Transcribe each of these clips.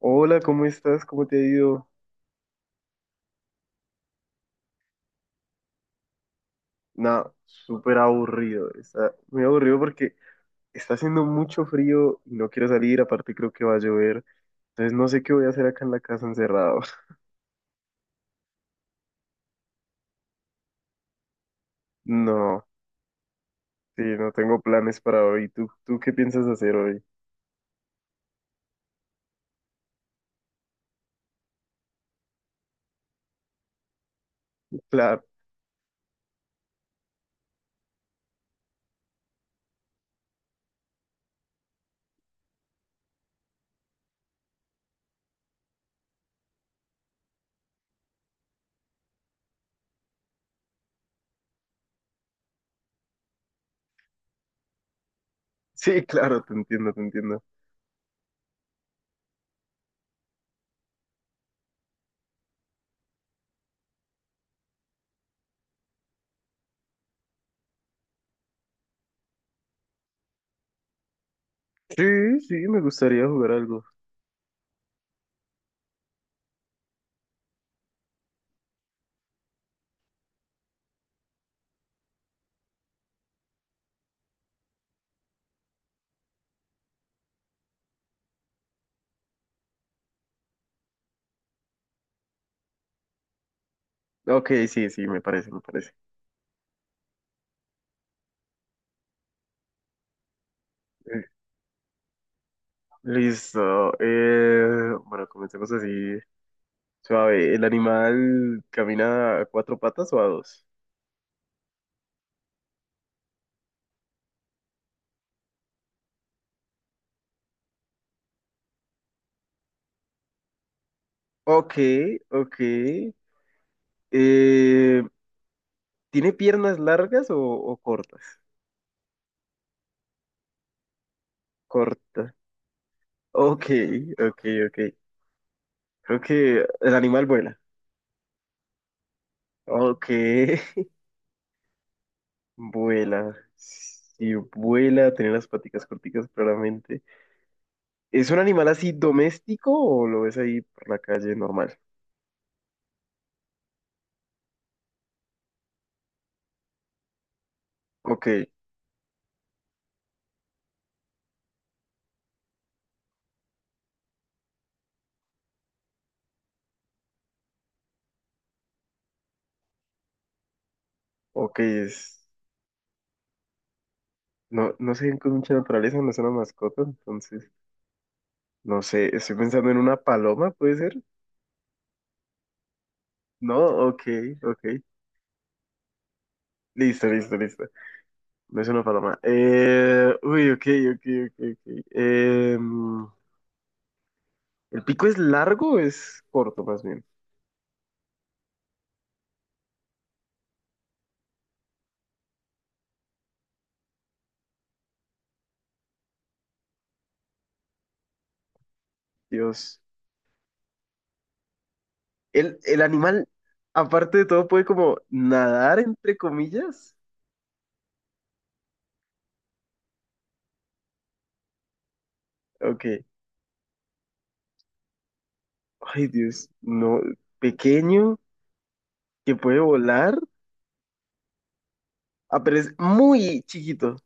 Hola, ¿cómo estás? ¿Cómo te ha ido? Nada, súper aburrido. Está muy aburrido porque está haciendo mucho frío y no quiero salir. Aparte, creo que va a llover. Entonces, no sé qué voy a hacer acá en la casa encerrado. No, sí, no tengo planes para hoy. ¿Tú ¿qué piensas hacer hoy? Claro. Sí, claro, te entiendo, te entiendo. Sí, sí, me gustaría jugar algo. Ok, sí, sí, me parece, me parece. Eh, Listo. Bueno, comencemos así. Suave, ¿el animal camina a cuatro patas o a dos? Ok, ok. Eh, ¿Tiene piernas largas o cortas? Corta. Ok, ok, ok. Creo que el animal vuela. Ok. Vuela. Si vuela, tiene las paticas corticas claramente. ¿Es un animal así doméstico o lo ves ahí por la calle normal? Ok, ok, es... No, no sé, con mucha naturaleza, no es una mascota, entonces... No sé, estoy pensando en una paloma, ¿puede ser? No, ok, ok. Listo, listo, listo. No es una paloma. Ok, ok, ok, ok. ¿El pico es largo o es corto, más bien? Dios. ¿El animal, aparte de todo, ¿puede como nadar, entre comillas? Ok. Ay, Dios, no. Pequeño, que puede volar. Ah, pero es muy chiquito.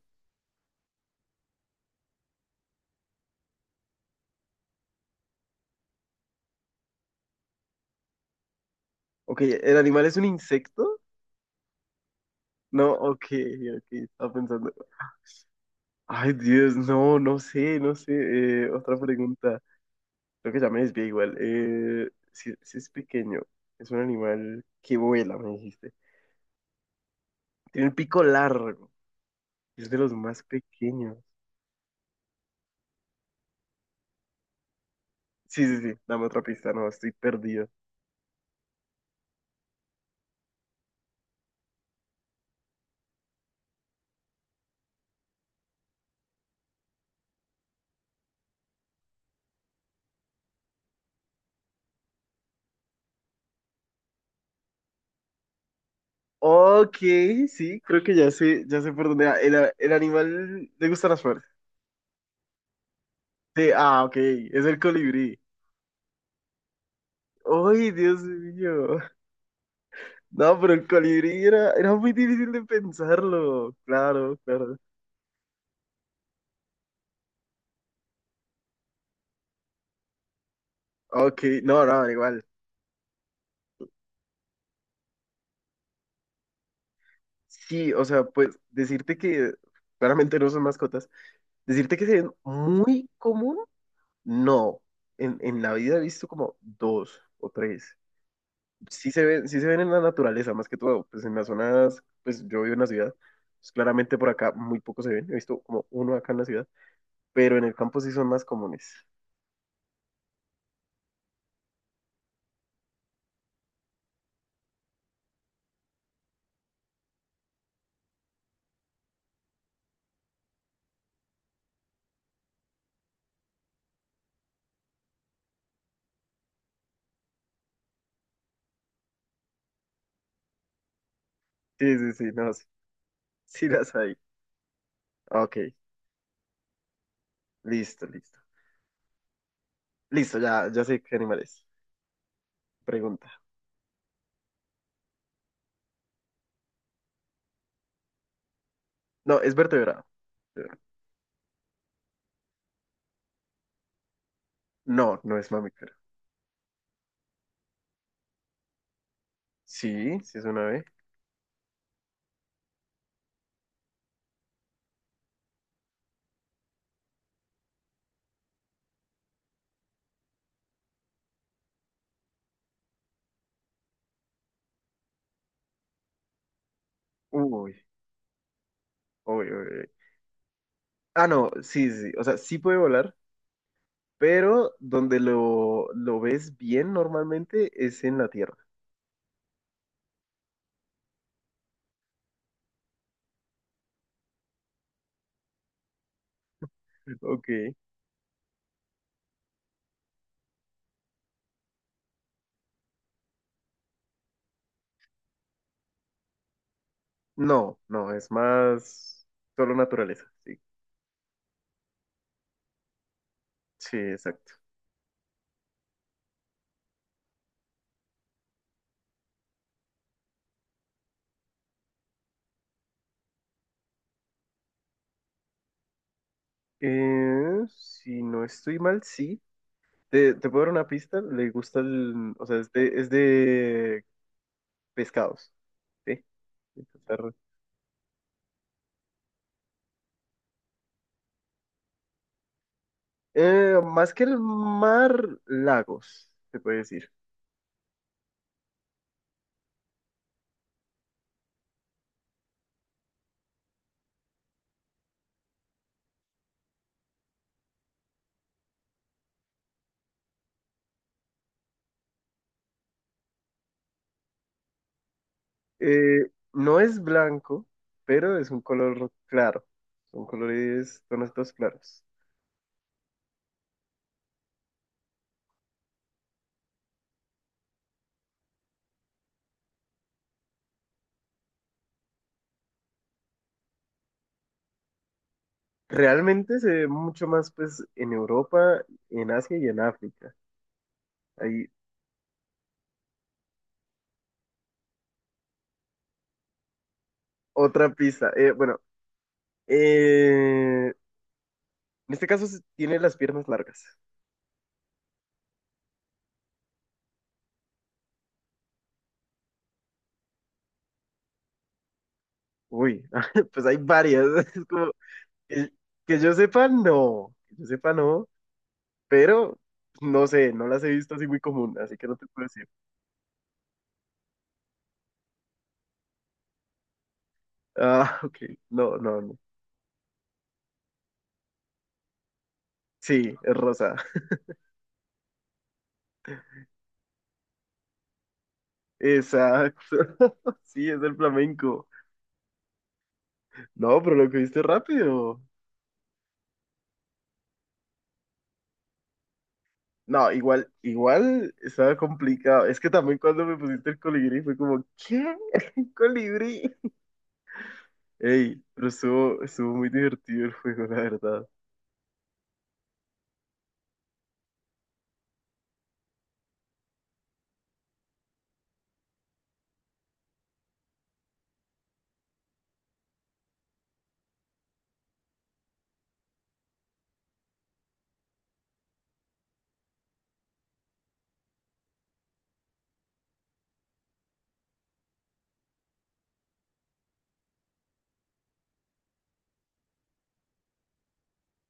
Ok, ¿el animal es un insecto? No, ok, ok, estaba pensando. Ay, Dios, no, no sé, no sé. Otra pregunta. Creo que ya me desvié igual. Si es pequeño, es un animal que vuela, me dijiste. Tiene un pico largo. Es de los más pequeños. Sí, sí, sí. Dame otra pista, no, estoy perdido. Ok, sí, creo que ya sé por dónde va. El animal, le gustan las flores. Sí, ah, ok, es el colibrí. ¡Ay, Dios mío! No, pero el colibrí era, era muy difícil de pensarlo. Claro, claro. Ok, no, no, igual. Sí, o sea, pues decirte que claramente no son mascotas, decirte que se ven muy común, no. En la vida he visto como dos o tres. Sí se ven en la naturaleza, más que todo, pues en las zonas, pues yo vivo en la ciudad, pues claramente por acá muy pocos se ven, he visto como uno acá en la ciudad, pero en el campo sí son más comunes. Sí, sí, sí, no, sí, sí las hay. Ok, listo, listo. Listo, ya, ya sé qué animal es. Pregunta. No, es vertebrado. No, no es mamífero. Sí, sí es una ave. Uy, uy, uy, uy. Ah, no, sí, sí, sí. O sea, sí puede volar, pero donde lo ves bien normalmente es en la tierra. Ok. No, no, es más solo naturaleza. Sí, sí, exacto. Si no estoy mal, sí. Te puedo dar una pista. Le gusta el. O sea, es de pescados. Sí. De cazar. Más que el mar, lagos, se puede decir. No es blanco, pero es un color claro. Son colores, tonos todos claros. Realmente se ve mucho más pues en Europa, en Asia y en África. Hay otra pista. Bueno, eh, en este caso se- tiene las piernas largas. Uy. Pues hay varias. Es como, eh, que yo sepa, no. Que yo sepa, no. Pero no sé, no las he visto así muy común, así que no te puedo decir. Ah. Ok. No, no, no. Sí, es rosa. Exacto. Sí, es el flamenco. No, pero lo que viste rápido. No, igual, igual estaba complicado. Es que también cuando me pusiste el colibrí fue como, ¿qué? ¿Colibrí? Ey, pero estuvo, estuvo muy divertido el juego, la verdad.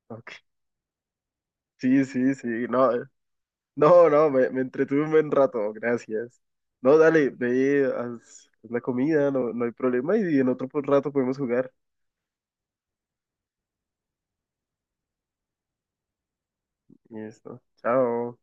Ok. Sí, sí, sí. No, no, no, me entretuve un buen rato, gracias. No, dale, ve, haz, haz la comida, no, no hay problema. Y en otro rato podemos jugar. Y esto. Chao.